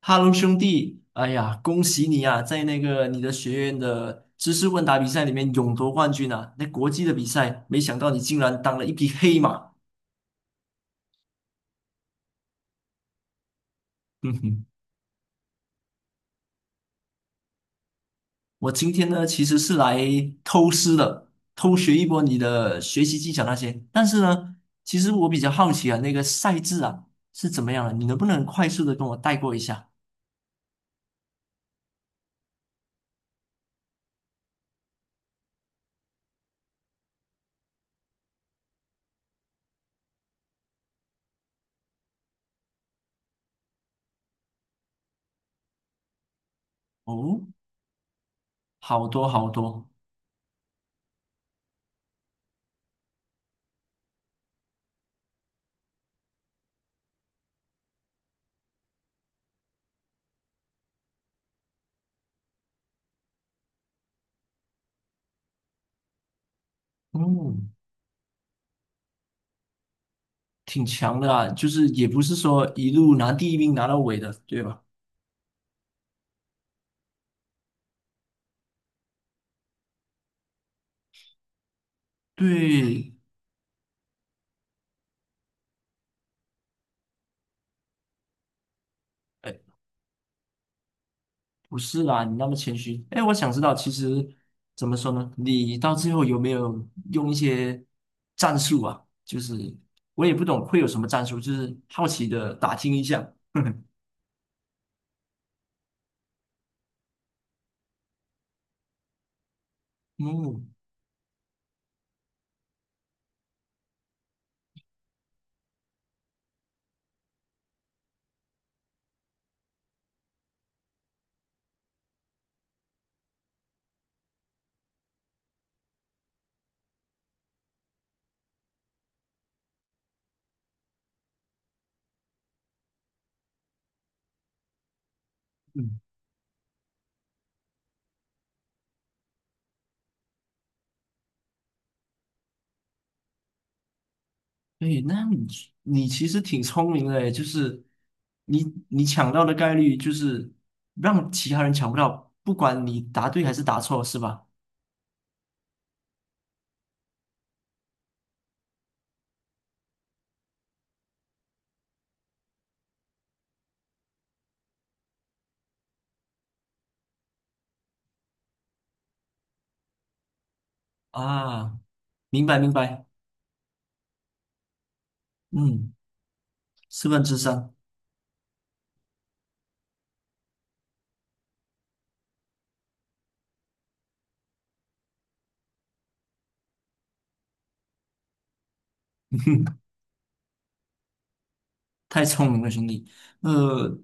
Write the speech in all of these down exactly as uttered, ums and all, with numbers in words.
哈喽，兄弟！哎呀，恭喜你啊，在那个你的学院的知识问答比赛里面勇夺冠军啊！那国际的比赛，没想到你竟然当了一匹黑马。哼哼，我今天呢其实是来偷师的，偷学一波你的学习技巧那些。但是呢，其实我比较好奇啊，那个赛制啊是怎么样的？你能不能快速的跟我带过一下？哦，好多好多。嗯，挺强的啊，就是也不是说一路拿第一名拿到尾的，对吧？对。哎，不是啦，你那么谦虚。哎，我想知道，其实怎么说呢？你到最后有没有用一些战术啊？就是我也不懂会有什么战术，就是好奇的打听一下。嗯嗯，对，那你你其实挺聪明的诶，就是你你抢到的概率就是让其他人抢不到，不管你答对还是答错，是吧？啊，明白明白，嗯，四分之三。太聪明了，兄弟。呃，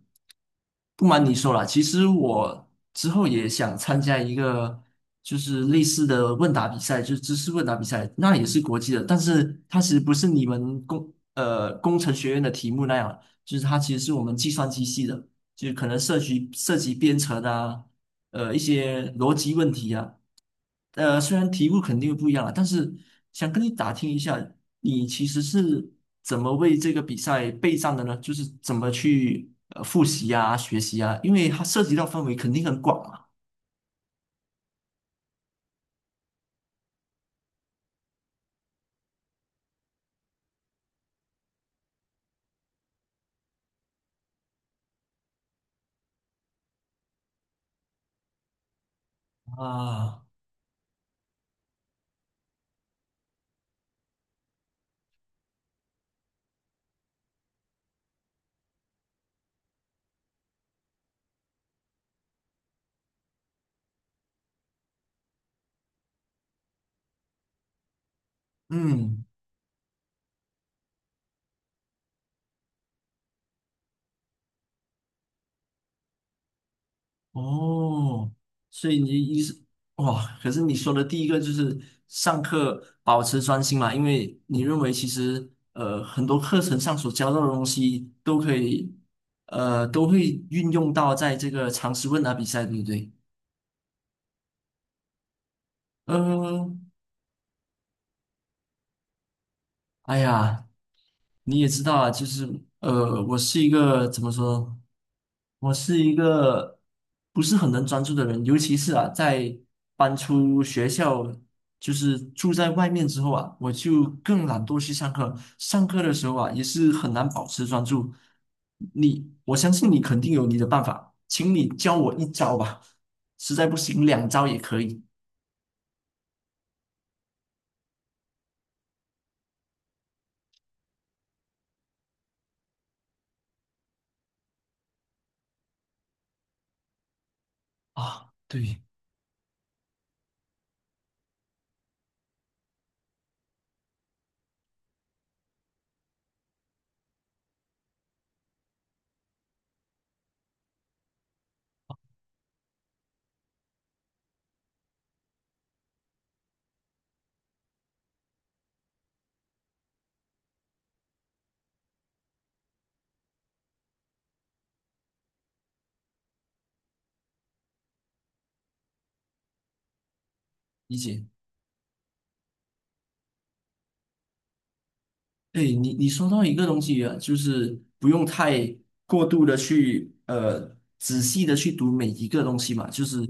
不瞒你说啦，其实我之后也想参加一个就是类似的问答比赛，就是知识问答比赛，那也是国际的，但是它其实不是你们工呃工程学院的题目那样，就是它其实是我们计算机系的，就是可能涉及涉及编程啊，呃一些逻辑问题啊。呃，虽然题目肯定不一样了，但是想跟你打听一下，你其实是怎么为这个比赛备战的呢？就是怎么去呃复习呀、学习呀？因为它涉及到范围肯定很广嘛。啊，嗯。哦，所以你一是哇，可是你说的第一个就是上课保持专心嘛，因为你认为其实呃很多课程上所教到的东西都可以呃都会运用到在这个常识问答比赛，对不对？嗯、哎呀，你也知道啊，就是呃，我是一个怎么说？我是一个不是很能专注的人，尤其是啊，在搬出学校，就是住在外面之后啊，我就更懒惰去上课。上课的时候啊，也是很难保持专注。你，我相信你肯定有你的办法，请你教我一招吧，实在不行两招也可以啊。对，理解。哎，你你说到一个东西啊，就是不用太过度的去呃仔细的去读每一个东西嘛，就是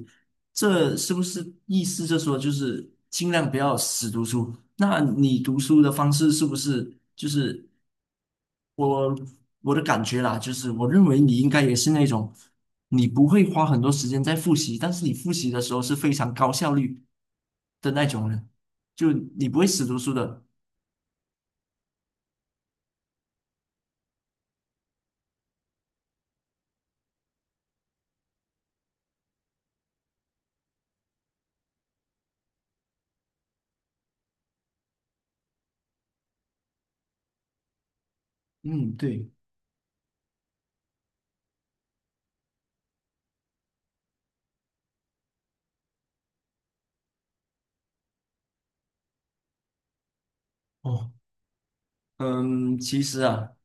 这是不是意思就说，就是尽量不要死读书？那你读书的方式是不是就是我我的感觉啦，就是我认为你应该也是那种你不会花很多时间在复习，但是你复习的时候是非常高效率的那种人，就你不会死读书的。嗯，对。哦。嗯，其实啊，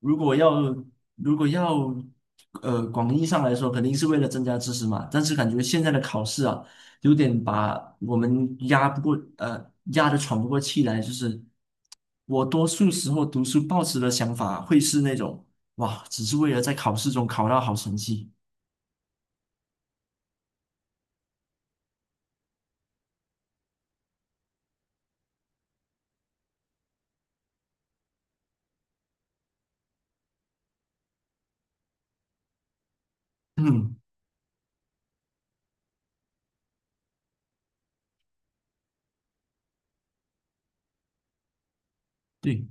如果要如果要呃广义上来说，肯定是为了增加知识嘛。但是感觉现在的考试啊，有点把我们压不过呃压得喘不过气来。就是我多数时候读书抱持的想法会是那种哇，只是为了在考试中考到好成绩。嗯，对，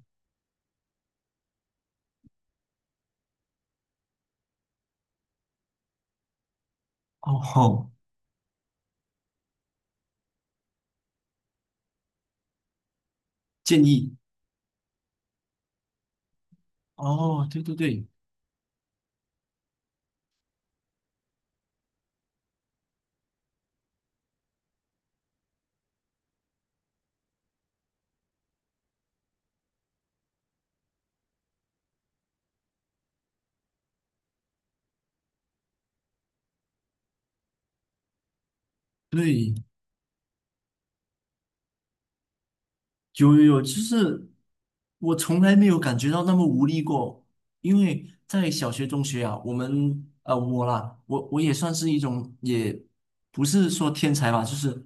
哦好，建议哦，对对对对，有有有，就是我从来没有感觉到那么无力过，因为在小学、中学啊，我们呃我啦，我我也算是一种，也不是说天才吧，就是，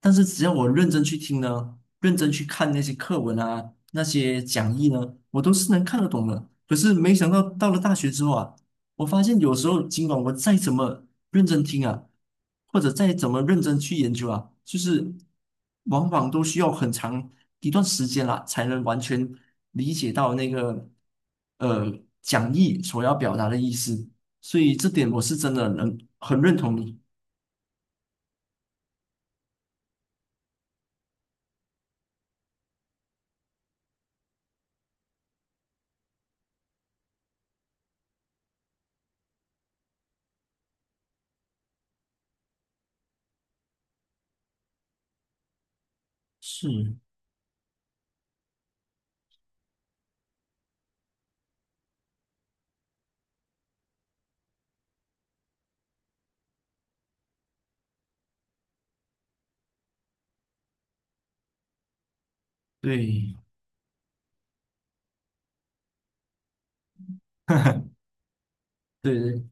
但是只要我认真去听呢，认真去看那些课文啊，那些讲义呢，我都是能看得懂的。可是没想到到了大学之后啊。我发现有时候，尽管我再怎么认真听啊，或者再怎么认真去研究啊，就是往往都需要很长一段时间啦，才能完全理解到那个呃讲义所要表达的意思。所以这点我是真的能很认同你。是，对，对对，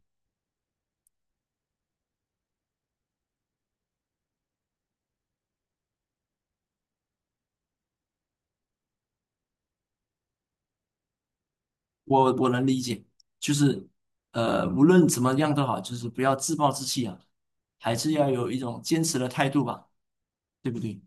我我能理解，就是呃，无论怎么样都好，就是不要自暴自弃啊，还是要有一种坚持的态度吧，对不对？